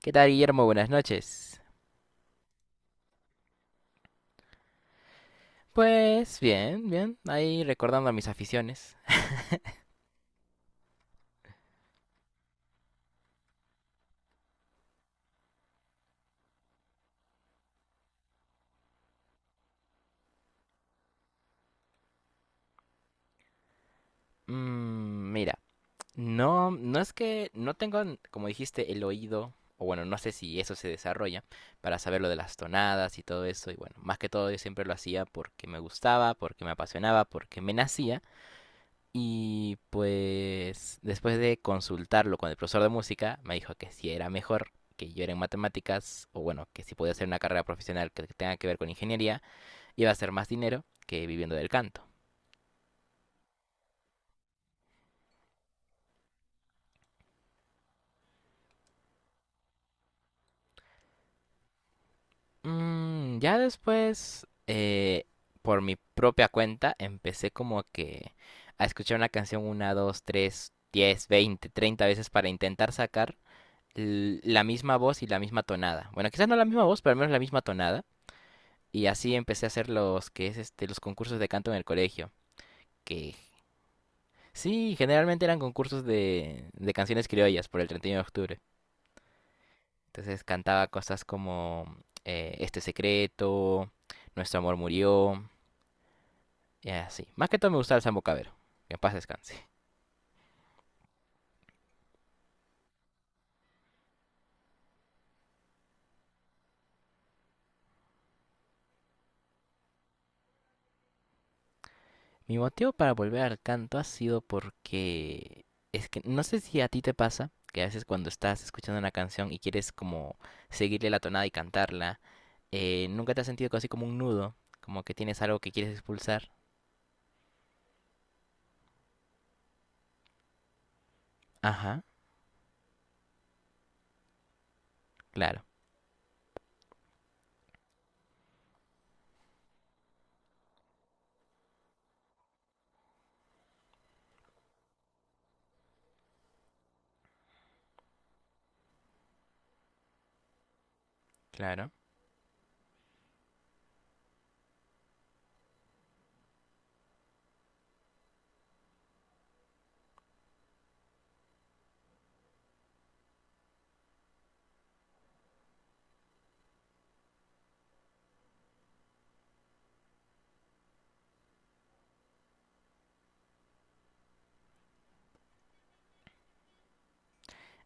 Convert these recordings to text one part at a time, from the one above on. ¿Qué tal, Guillermo? Buenas noches. Pues bien, bien, ahí recordando mis aficiones. Mira, no, no es que no tengo, como dijiste, el oído, o bueno, no sé si eso se desarrolla, para saber lo de las tonadas y todo eso. Y bueno, más que todo yo siempre lo hacía porque me gustaba, porque me apasionaba, porque me nacía. Y pues después de consultarlo con el profesor de música, me dijo que si era mejor que yo era en matemáticas, o bueno, que si podía hacer una carrera profesional que tenga que ver con ingeniería, iba a ser más dinero que viviendo del canto. Ya después, por mi propia cuenta, empecé como que a escuchar una canción una, dos, tres, 10, 20, 30 veces para intentar sacar la misma voz y la misma tonada. Bueno, quizás no la misma voz, pero al menos la misma tonada. Y así empecé a hacer los que es este, los concursos de canto en el colegio. Que sí, generalmente eran concursos de canciones criollas por el 31 de octubre. Entonces cantaba cosas como Este secreto, Nuestro amor murió, y así. Más que todo me gustaba el Sambo Cabero, que en paz descanse. Mi motivo para volver al canto ha sido porque es que no sé si a ti te pasa que a veces cuando estás escuchando una canción y quieres como seguirle la tonada y cantarla, nunca te has sentido así como un nudo, como que tienes algo que quieres expulsar. Ajá, claro, claro.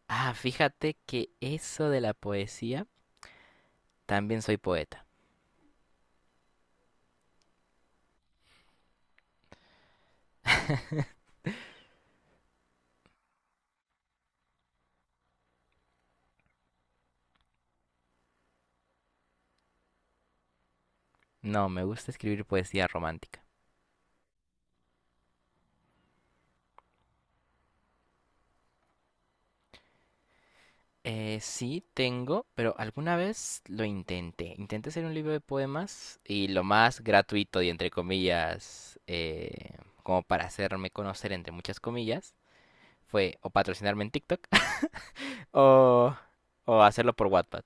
Ah, fíjate que eso de la poesía, también soy poeta. No, me gusta escribir poesía romántica. Sí, tengo, pero alguna vez lo intenté. Intenté hacer un libro de poemas y lo más gratuito y entre comillas, como para hacerme conocer entre muchas comillas, fue o patrocinarme en TikTok o, o hacerlo por Wattpad.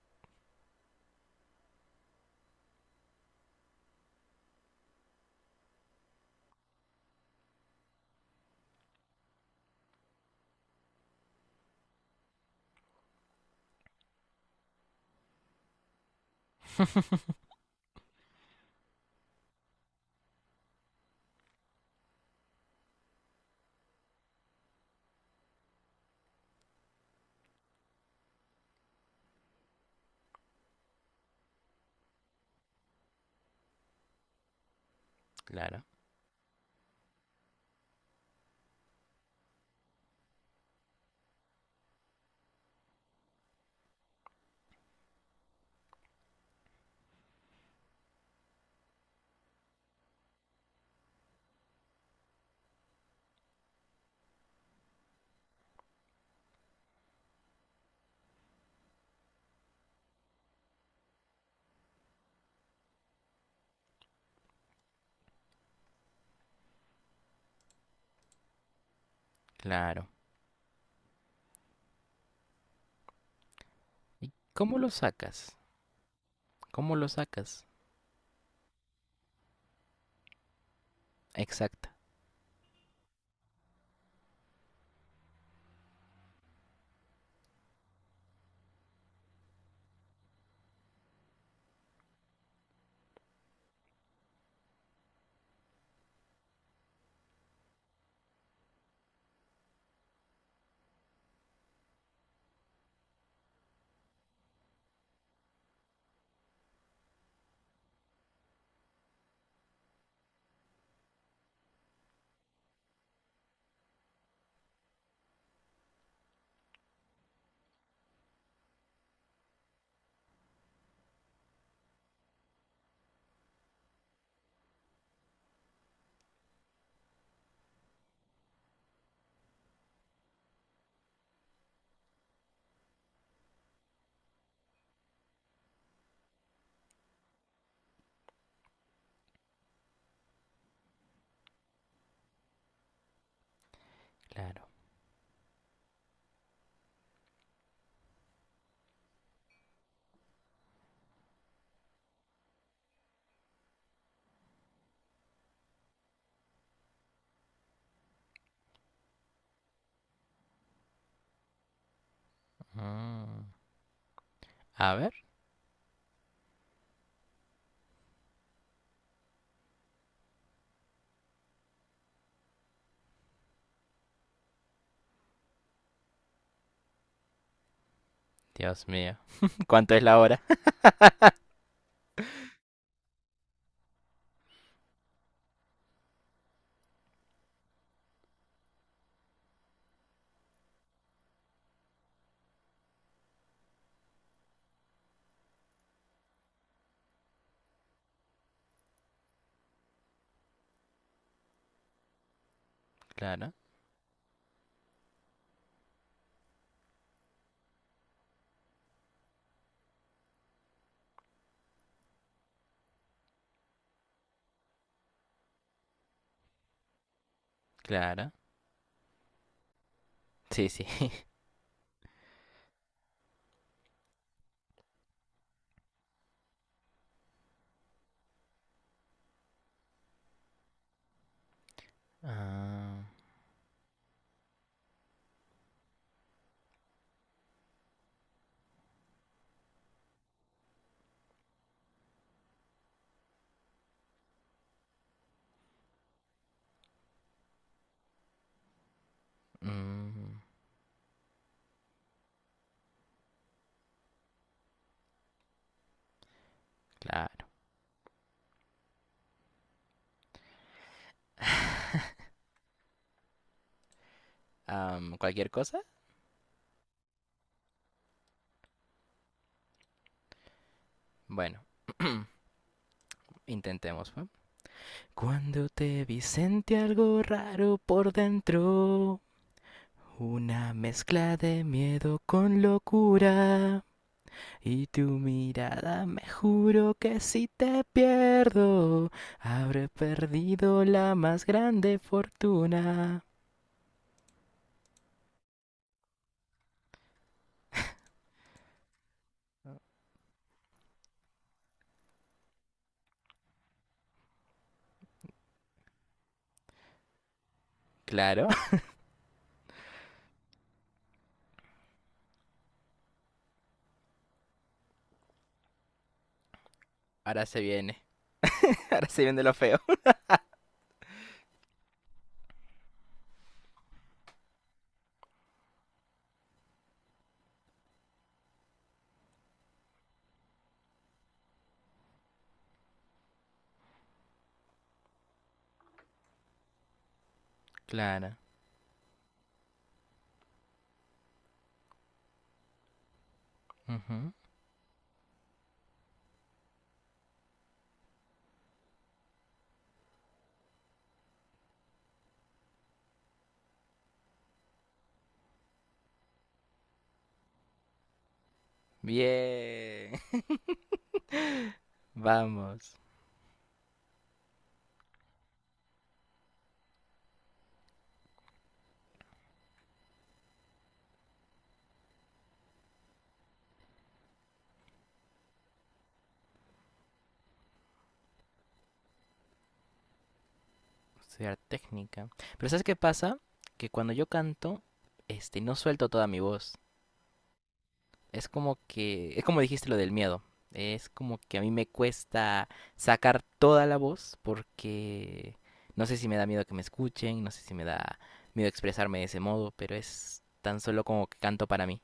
Claro, claro. ¿Y cómo lo sacas? ¿Cómo lo sacas? Exacto, claro. Mm. A ver, Dios mío, ¿cuánto es la hora? Claro, claro. Sí, sí. Ah, mm, claro. ¿Cualquier cosa? Bueno, intentemos. ¿Va? Cuando te vi sentí algo raro por dentro. Una mezcla de miedo con locura. Y tu mirada me juro que si te pierdo, habré perdido la más grande fortuna. Claro, ahora se viene. Ahora se viene lo feo. Claro. Ujú. Bien. Vamos, a estudiar técnica. Pero ¿sabes qué pasa? Que cuando yo canto, este, no suelto toda mi voz. Es como dijiste lo del miedo. Es como que a mí me cuesta sacar toda la voz porque no sé si me da miedo que me escuchen, no sé si me da miedo expresarme de ese modo, pero es tan solo como que canto para mí.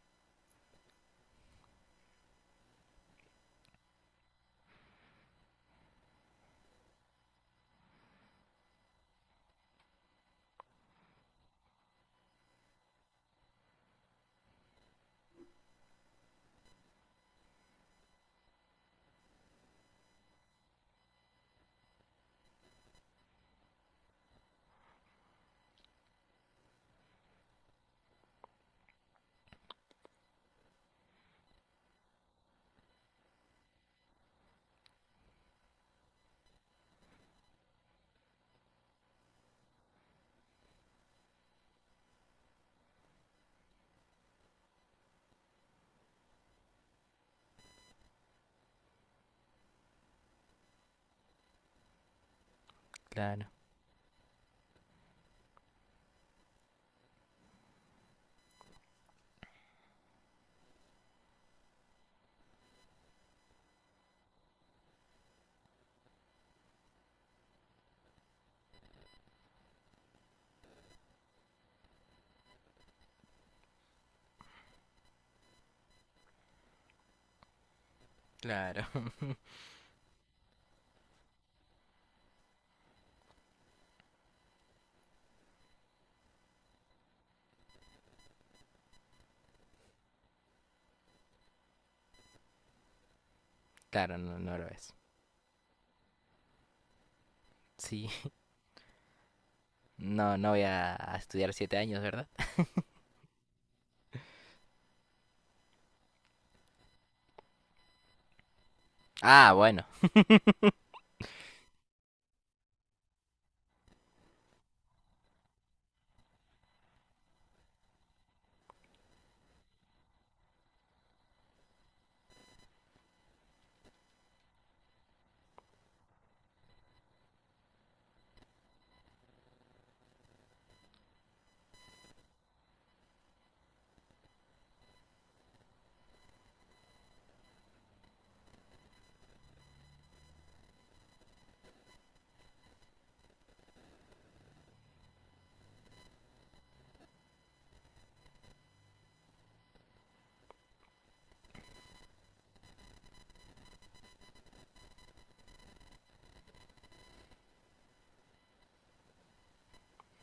Claro, claro, claro, no, no lo es. Sí, no, no voy a estudiar 7 años, ¿verdad? Ah, bueno.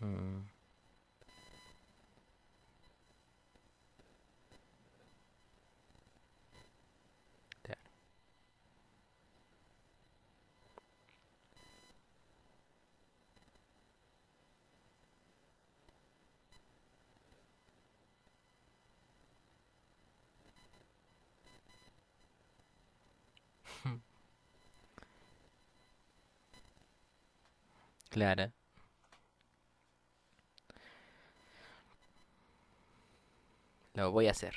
Mm, claro. Claro. Lo voy a hacer.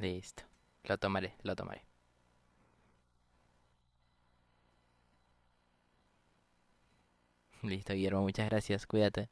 Listo. Lo tomaré, lo tomaré. Listo, Guillermo, muchas gracias. Cuídate.